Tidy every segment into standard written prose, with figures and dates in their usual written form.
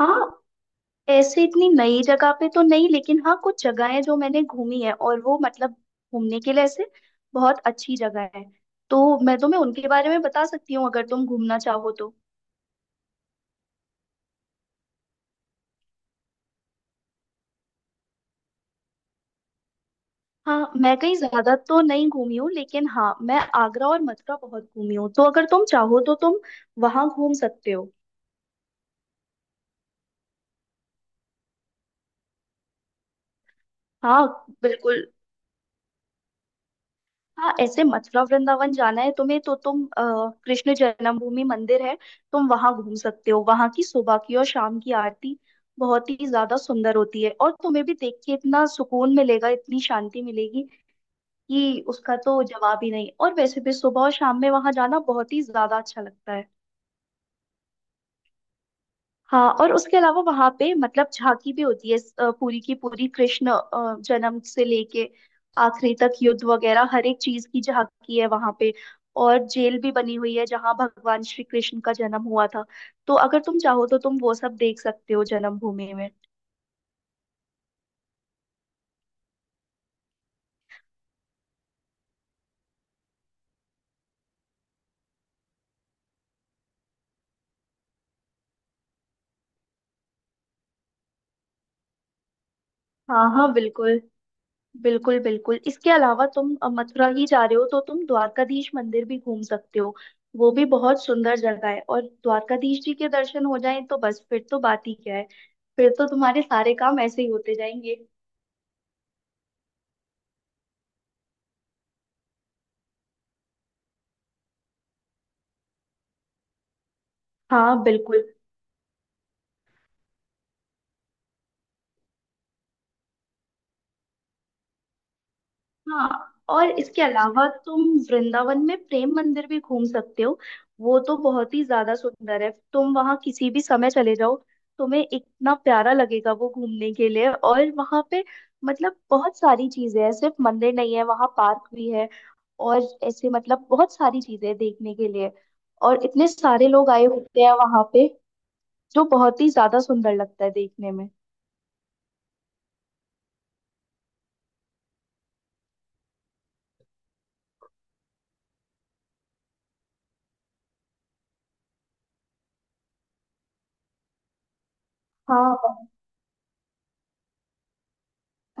हाँ, ऐसे इतनी नई जगह पे तो नहीं, लेकिन हाँ, कुछ जगहें जो मैंने घूमी है और वो मतलब घूमने के लिए ऐसे बहुत अच्छी जगह है, तो मैं तुम्हें उनके बारे में बता सकती हूँ अगर तुम घूमना चाहो तो। हाँ, मैं कहीं ज्यादा तो नहीं घूमी हूँ, लेकिन हाँ, मैं आगरा और मथुरा बहुत घूमी हूँ, तो अगर तुम चाहो तो तुम वहां घूम सकते हो। हाँ बिल्कुल। हाँ, ऐसे मथुरा वृंदावन जाना है तुम्हें तो तुम कृष्ण जन्मभूमि मंदिर है, तुम वहां घूम सकते हो। वहां की सुबह की और शाम की आरती बहुत ही ज्यादा सुंदर होती है और तुम्हें भी देख के इतना सुकून मिलेगा, इतनी शांति मिलेगी कि उसका तो जवाब ही नहीं। और वैसे भी सुबह और शाम में वहां जाना बहुत ही ज्यादा अच्छा लगता है। हाँ, और उसके अलावा वहां पे मतलब झांकी भी होती है। पूरी की पूरी कृष्ण जन्म से लेके आखिरी तक युद्ध वगैरह हर एक चीज की झांकी है वहां पे। और जेल भी बनी हुई है जहाँ भगवान श्री कृष्ण का जन्म हुआ था, तो अगर तुम चाहो तो तुम वो सब देख सकते हो जन्मभूमि में। हाँ हाँ बिल्कुल। बिल्कुल इसके अलावा तुम मथुरा ही जा रहे हो तो तुम द्वारकाधीश मंदिर भी घूम सकते हो। वो भी बहुत सुंदर जगह है और द्वारकाधीश जी के दर्शन हो जाएं तो बस फिर तो बात ही क्या है। फिर तो तुम्हारे सारे काम ऐसे ही होते जाएंगे। हाँ बिल्कुल। हाँ, और इसके अलावा तुम वृंदावन में प्रेम मंदिर भी घूम सकते हो। वो तो बहुत ही ज्यादा सुंदर है, तुम वहाँ किसी भी समय चले जाओ, तुम्हें इतना प्यारा लगेगा वो घूमने के लिए। और वहाँ पे मतलब बहुत सारी चीजें हैं, सिर्फ मंदिर नहीं है, वहाँ पार्क भी है। और ऐसे मतलब बहुत सारी चीजें हैं देखने के लिए, और इतने सारे लोग आए होते हैं वहाँ पे जो बहुत ही ज्यादा सुंदर लगता है देखने में। हाँ।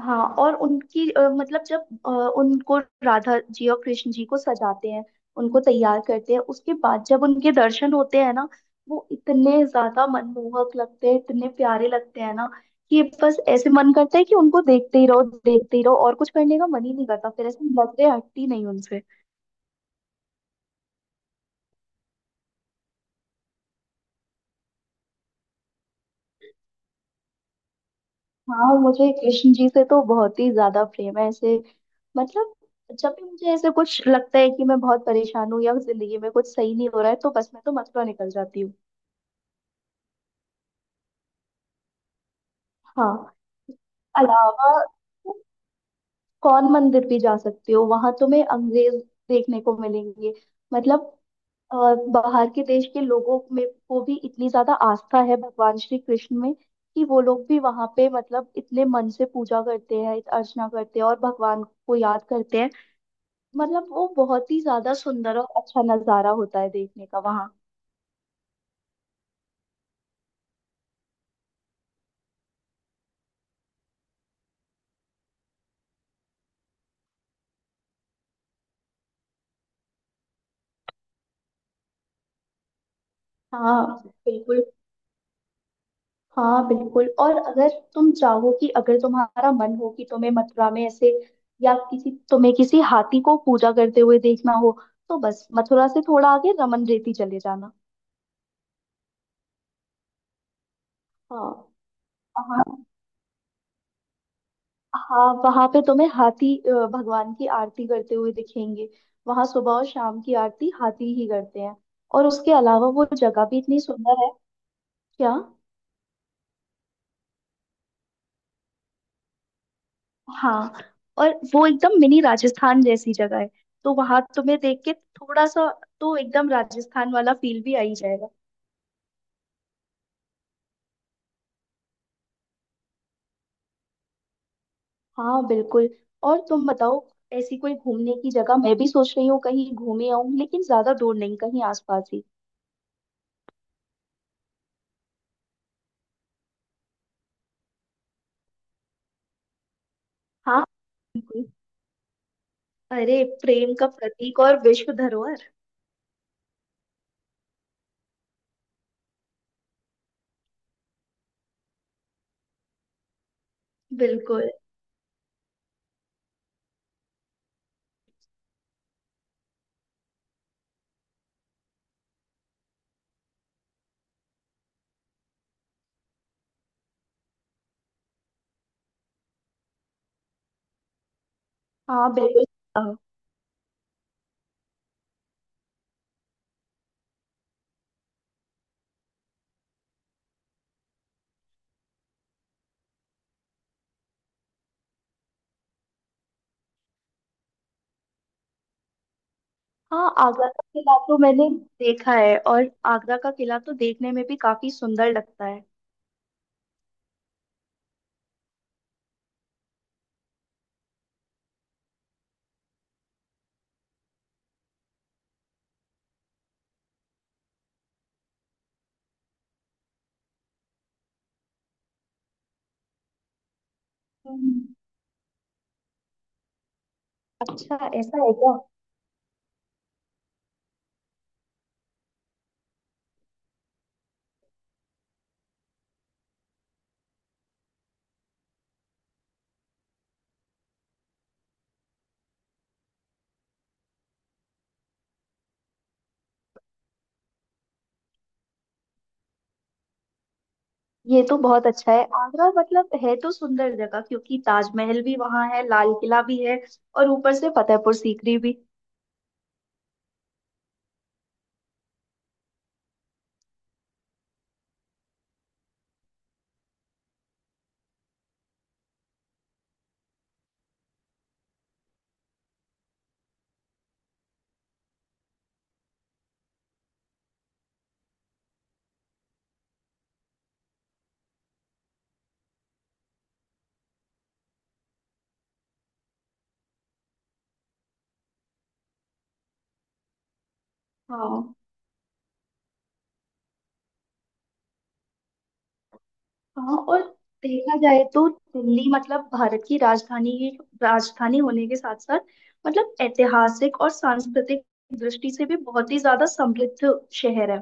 हाँ, और उनकी मतलब जब अ, उनको, राधा जी और कृष्ण जी को सजाते हैं, उनको तैयार करते हैं, उसके बाद जब उनके दर्शन होते हैं ना, वो इतने ज्यादा मनमोहक लगते हैं, इतने प्यारे लगते हैं ना कि बस ऐसे मन करता है कि उनको देखते ही रहो, देखते ही रहो, और कुछ करने का मन ही नहीं करता। फिर ऐसे नजरें हटती नहीं उनसे। हाँ, मुझे कृष्ण जी से तो बहुत ही ज्यादा प्रेम है ऐसे। मतलब जब भी मुझे ऐसे कुछ लगता है कि मैं बहुत परेशान हूँ या जिंदगी में कुछ सही नहीं हो रहा है, तो बस मैं तो मथुरा निकल जाती हूँ। हाँ, अलावा कौन मंदिर भी जा सकते हो, वहां तुम्हें अंग्रेज देखने को मिलेंगे। मतलब बाहर के देश के लोगों में को भी इतनी ज्यादा आस्था है भगवान श्री कृष्ण में कि वो लोग भी वहां पे मतलब इतने मन से पूजा करते हैं, अर्चना करते हैं और भगवान को याद करते हैं। मतलब वो बहुत ही ज्यादा सुंदर और अच्छा नजारा होता है देखने का वहाँ। हाँ बिल्कुल। हाँ बिल्कुल, और अगर तुम चाहो कि अगर तुम्हारा मन हो कि तुम्हें मथुरा में ऐसे या किसी तुम्हें किसी हाथी को पूजा करते हुए देखना हो, तो बस मथुरा से थोड़ा आगे रमन रेती चले जाना। हाँ वहाँ। हाँ, वहां पे तुम्हें हाथी भगवान की आरती करते हुए दिखेंगे। वहां सुबह और शाम की आरती हाथी ही करते हैं। और उसके अलावा वो जगह भी इतनी सुंदर है क्या। हाँ, और वो एकदम मिनी राजस्थान जैसी जगह है, तो वहां तुम्हें देख के थोड़ा सा तो एकदम राजस्थान वाला फील भी आ ही जाएगा। हाँ बिल्कुल। और तुम बताओ, ऐसी कोई घूमने की जगह, मैं भी सोच रही हूँ कहीं घूमे आऊँ, लेकिन ज्यादा दूर नहीं, कहीं आसपास ही। हाँ बिल्कुल। अरे, प्रेम का प्रतीक और विश्व धरोहर। बिल्कुल। हाँ बिल्कुल। हाँ हाँ, आगरा का किला तो मैंने देखा है, और आगरा का किला तो देखने में भी काफी सुंदर लगता है। हम्म। अच्छा, ऐसा है क्या। ये तो बहुत अच्छा है आगरा, मतलब है तो सुंदर जगह, क्योंकि ताजमहल भी वहां है, लाल किला भी है, और ऊपर से फतेहपुर सीकरी भी। हाँ। हाँ, और देखा जाए तो दिल्ली मतलब भारत की राजधानी, राजधानी होने के साथ साथ मतलब ऐतिहासिक और सांस्कृतिक दृष्टि से भी बहुत ही ज्यादा समृद्ध शहर है,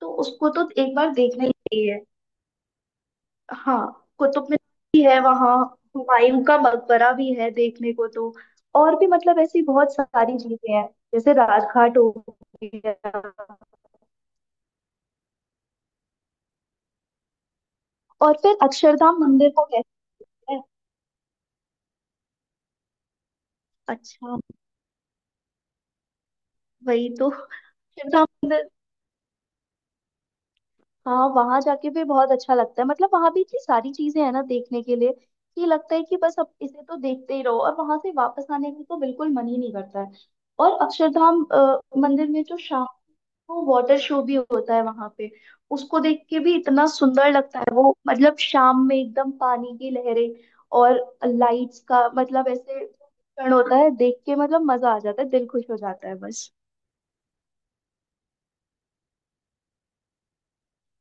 तो उसको तो एक बार देखना ही चाहिए। हाँ, कुतुब मीनार भी है वहाँ, हुमायूं का मकबरा भी है देखने को तो। और भी मतलब ऐसी बहुत सारी चीजें हैं, जैसे राजघाट हो गया। और फिर अक्षरधाम मंदिर को कहते हैं। अच्छा, वही तो अक्षरधाम मंदिर। हाँ, वहां जाके भी बहुत अच्छा लगता है, मतलब वहां भी इतनी सारी चीजें हैं ना देखने के लिए कि लगता है कि बस अब इसे तो देखते ही रहो, और वहां से वापस आने का तो बिल्कुल मन ही नहीं करता है। और अक्षरधाम मंदिर में जो शाम, वो वाटर शो भी होता है वहां पे, उसको देख के भी इतना सुंदर लगता है वो। मतलब शाम में एकदम पानी की लहरें और लाइट्स का, मतलब ऐसे क्षण होता है देख के मतलब मजा आ जाता है, दिल खुश हो जाता है बस।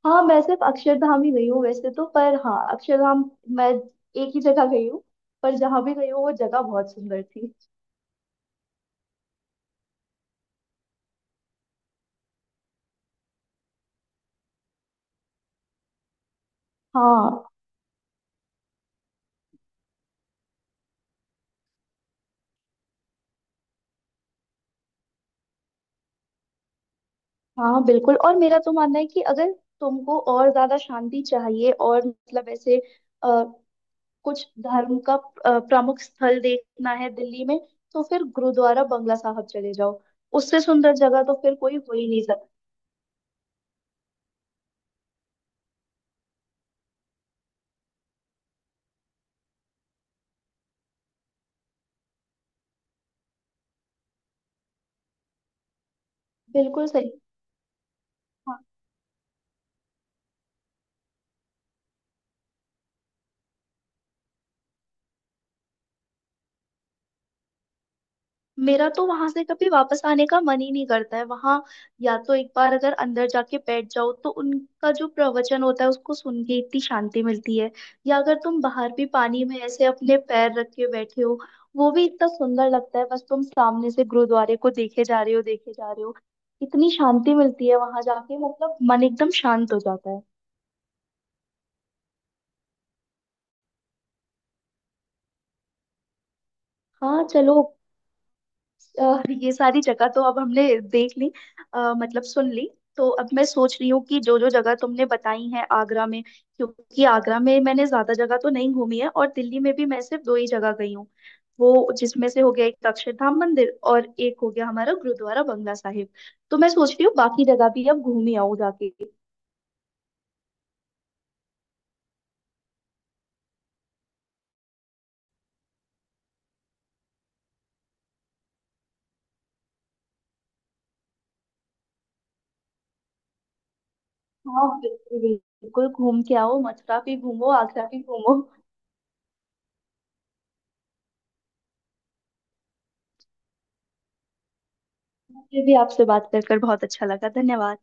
हाँ, मैं सिर्फ अक्षरधाम ही गई हूँ वैसे तो, पर हाँ, अक्षरधाम मैं एक ही जगह गई हूँ, पर जहाँ भी गई हूँ वो जगह बहुत सुंदर थी। हाँ। हाँ बिल्कुल। और मेरा तो मानना है कि अगर तुमको और ज्यादा शांति चाहिए और मतलब ऐसे कुछ धर्म का प्रमुख स्थल देखना है दिल्ली में, तो फिर गुरुद्वारा बंगला साहब चले जाओ। उससे सुंदर जगह तो फिर कोई हो ही नहीं सकता। बिल्कुल सही। हाँ। मेरा तो वहां से कभी वापस आने का मन ही नहीं करता है वहां। या तो एक बार अगर अंदर जाके बैठ जाओ तो उनका जो प्रवचन होता है उसको सुन के इतनी शांति मिलती है, या अगर तुम बाहर भी पानी में ऐसे अपने पैर रख के बैठे हो, वो भी इतना सुंदर लगता है, बस तुम सामने से गुरुद्वारे को देखे जा रहे हो, देखे जा रहे हो, इतनी शांति मिलती है वहां जाके, मतलब मन एकदम शांत हो जाता है। हाँ चलो, ये सारी जगह तो अब हमने देख ली, मतलब सुन ली। तो अब मैं सोच रही हूँ कि जो जो जगह तुमने बताई है आगरा में, क्योंकि आगरा में मैंने ज्यादा जगह तो नहीं घूमी है, और दिल्ली में भी मैं सिर्फ दो ही जगह गई हूँ, वो जिसमें से हो गया एक अक्षरधाम मंदिर और एक हो गया हमारा गुरुद्वारा बंगला साहिब। तो मैं सोच रही हूँ बाकी जगह भी अब घूम ही आऊँ जाके। हाँ बिल्कुल, बिल्कुल घूम के आओ, मथुरा भी घूमो, आगरा भी घूमो। मुझे भी आपसे बात कर कर बहुत अच्छा लगा, धन्यवाद।